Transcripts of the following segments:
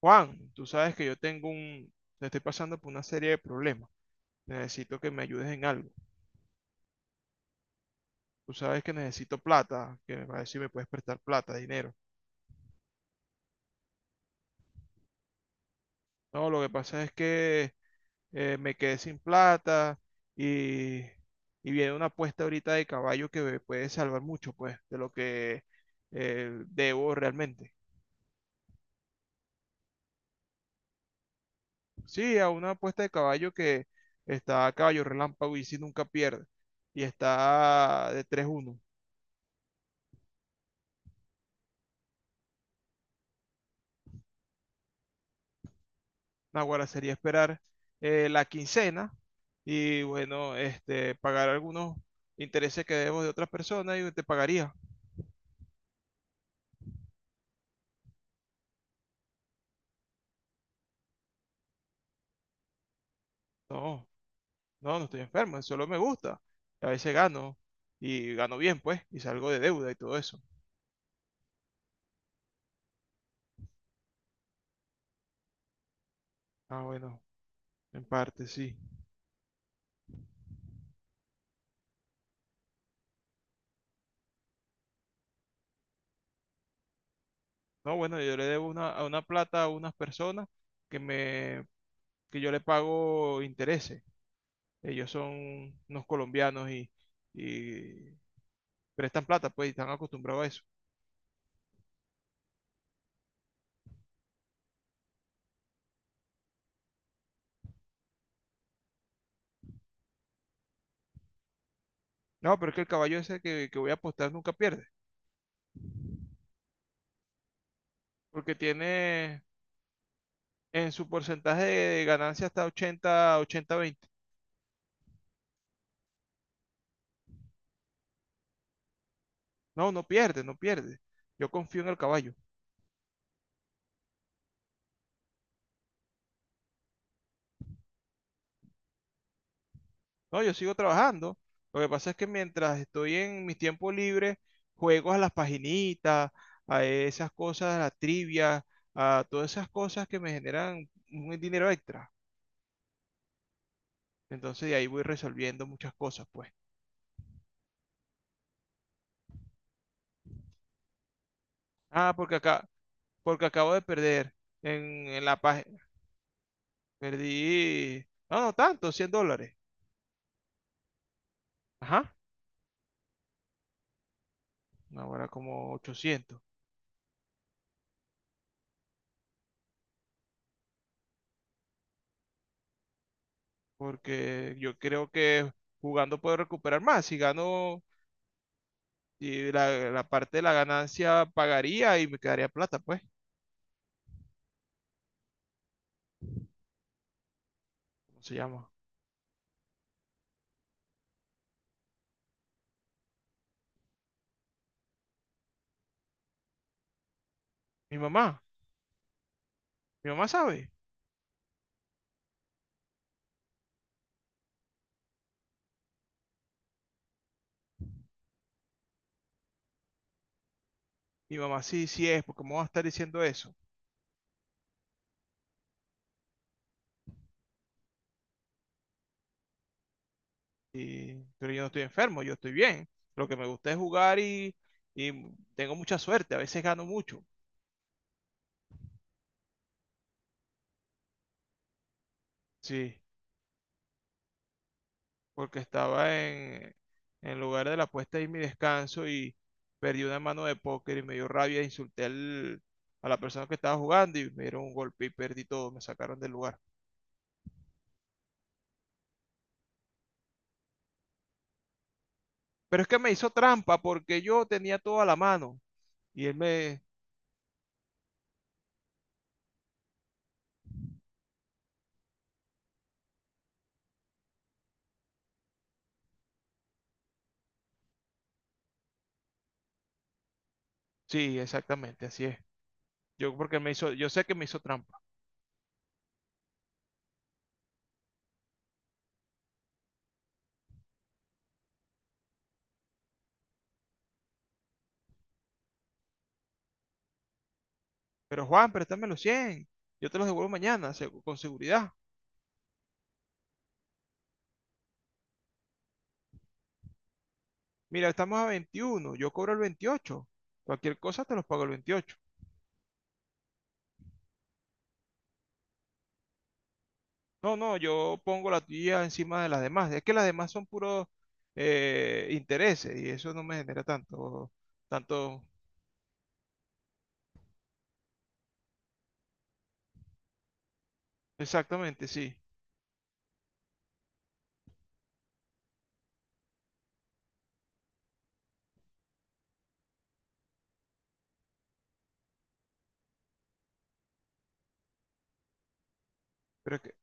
Juan, tú sabes que yo tengo estoy pasando por una serie de problemas. Necesito que me ayudes en algo. Tú sabes que necesito plata, que me parece si me puedes prestar plata, dinero. No, lo que pasa es que me quedé sin plata y, y viene una apuesta ahorita de caballo que me puede salvar mucho, pues, de lo que debo realmente. Sí, a una apuesta de caballo que está a caballo relámpago y si nunca pierde. Y está de 3-1. Naguará sería esperar la quincena y bueno, este, pagar algunos intereses que debo de otras personas y te pagaría. No, no, no estoy enfermo, solo me gusta. A veces gano y gano bien, pues, y salgo de deuda y todo eso. Ah, bueno, en parte sí. No, bueno, yo le debo a una plata a unas personas que me, que yo le pago intereses. Ellos son unos colombianos y prestan plata, pues, y están acostumbrados a eso. No, pero es que el caballo ese que voy a apostar nunca pierde, porque tiene en su porcentaje de ganancia hasta 80, 80-20. No, no pierde, no pierde. Yo confío en el caballo. No, yo sigo trabajando. Lo que pasa es que mientras estoy en mis tiempos libres, juego a las paginitas, a esas cosas, a la trivia, a todas esas cosas que me generan un dinero extra. Entonces de ahí voy resolviendo muchas cosas, pues. Ah, porque acabo de perder en, en la, pa- Perdí, no, no tanto, $100. Ajá. No, ahora como 800. Porque yo creo que jugando puedo recuperar más. Si gano, y la parte de la ganancia pagaría y me quedaría plata, pues. ¿Cómo se llama? Mi mamá. Mi mamá sabe. Mi mamá sí, sí es, porque me va a estar diciendo eso. Y, pero yo no estoy enfermo, yo estoy bien. Lo que me gusta es jugar y tengo mucha suerte. A veces gano mucho. Sí. Porque estaba en el lugar de la apuesta y mi descanso y perdí una mano de póker y me dio rabia, a la persona que estaba jugando y me dieron un golpe y perdí todo, me sacaron del lugar. Pero es que me hizo trampa porque yo tenía toda la mano y él me... Sí, exactamente, así es. Yo porque me hizo, yo sé que me hizo trampa. Pero Juan, préstame los cien. Yo te los devuelvo mañana, con seguridad. Mira, estamos a 21, yo cobro el 28. Cualquier cosa te los pago el 28. No, no, yo pongo la tuya encima de las demás. Es que las demás son puros intereses y eso no me genera tanto, exactamente, sí. Pero es que,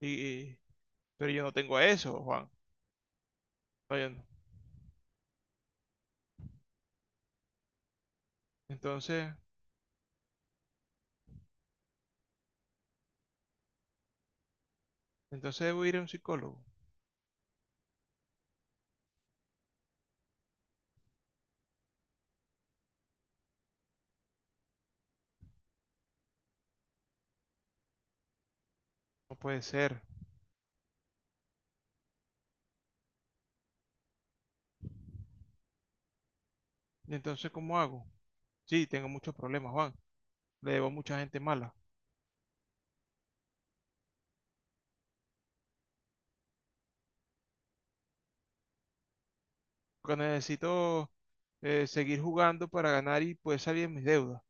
y, y- pero yo no tengo eso, Juan. Oye, no. Entonces, entonces debo ir a un psicólogo. No puede ser. ¿Y entonces cómo hago? Sí, tengo muchos problemas, Juan. Le debo a mucha gente mala. Porque necesito seguir jugando para ganar y poder salir de mis deudas.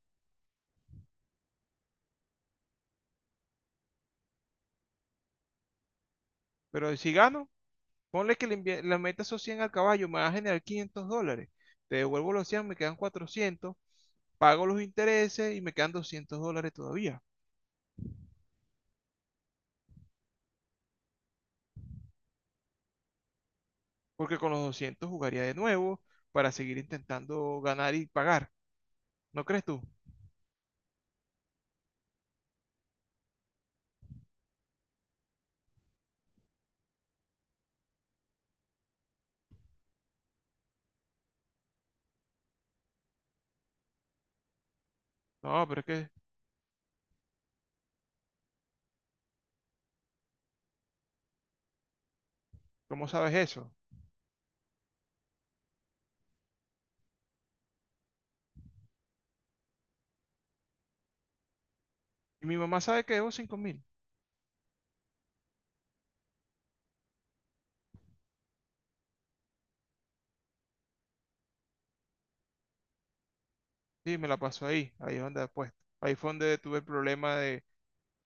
Pero si gano, ponle que le metas esos 100 al caballo, me va a generar 500 dólares. Te devuelvo los 100, me quedan 400, pago los intereses y me quedan 200 dólares todavía. Porque con los 200 jugaría de nuevo para seguir intentando ganar y pagar. ¿No crees tú? No, pero es que, ¿cómo sabes eso? Y mi mamá sabe que debo 5 mil. Sí, me la pasó ahí, ahí es donde después. Ahí fue donde tuve el problema de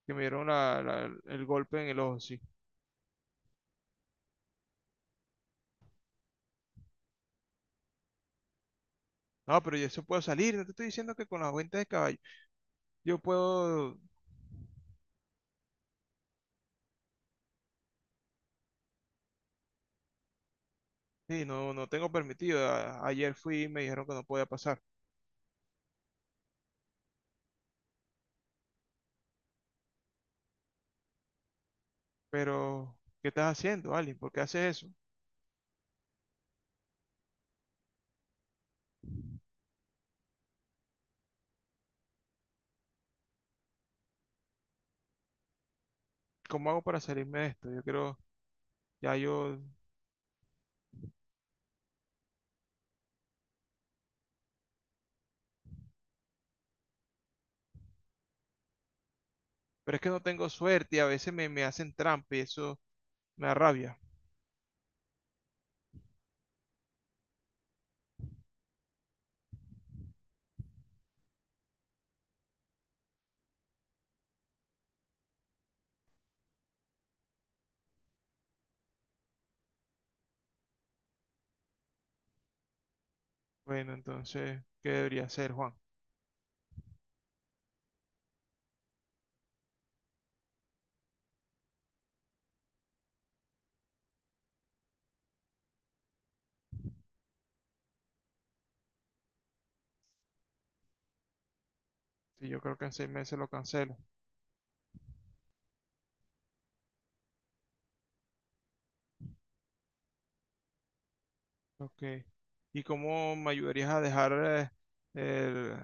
que me dieron el golpe en el ojo, sí. No, pero yo eso puedo salir, no te estoy diciendo que con la cuenta de caballo yo puedo. Sí, no, no tengo permitido. Ayer fui y me dijeron que no podía pasar. Pero, ¿qué estás haciendo, Ali? ¿Por qué haces eso? ¿Cómo hago para salirme de esto? Yo creo, ya yo... Pero es que no tengo suerte y a me hacen trampa y eso me da rabia. Bueno, entonces, ¿qué debería hacer, Juan? Sí, yo creo que en 6 meses lo cancelo. Ok. ¿Y cómo me ayudarías a dejar eh,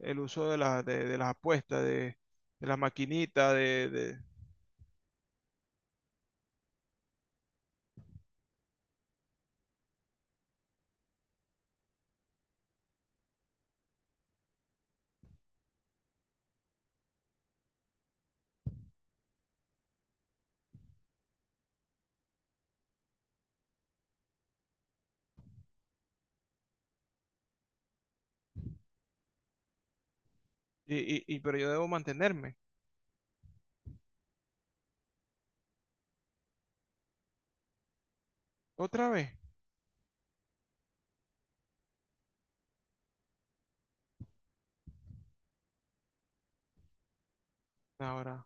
el uso de las apuestas, de las maquinitas, pero yo debo mantenerme. ¿Otra vez? Ahora,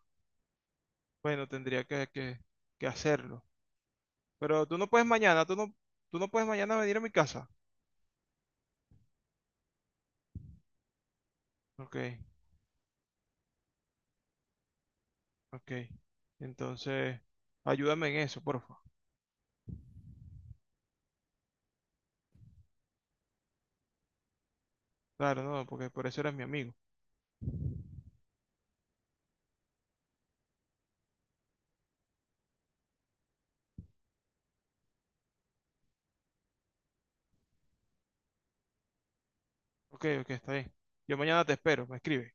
bueno, que hacerlo. Pero tú no puedes mañana, tú no puedes mañana venir a mi casa. Ok, ok. Entonces, ayúdame en eso, por favor. Claro, no, porque por eso eres mi amigo. Ok, ok, está bien. Yo mañana te espero, me escribes.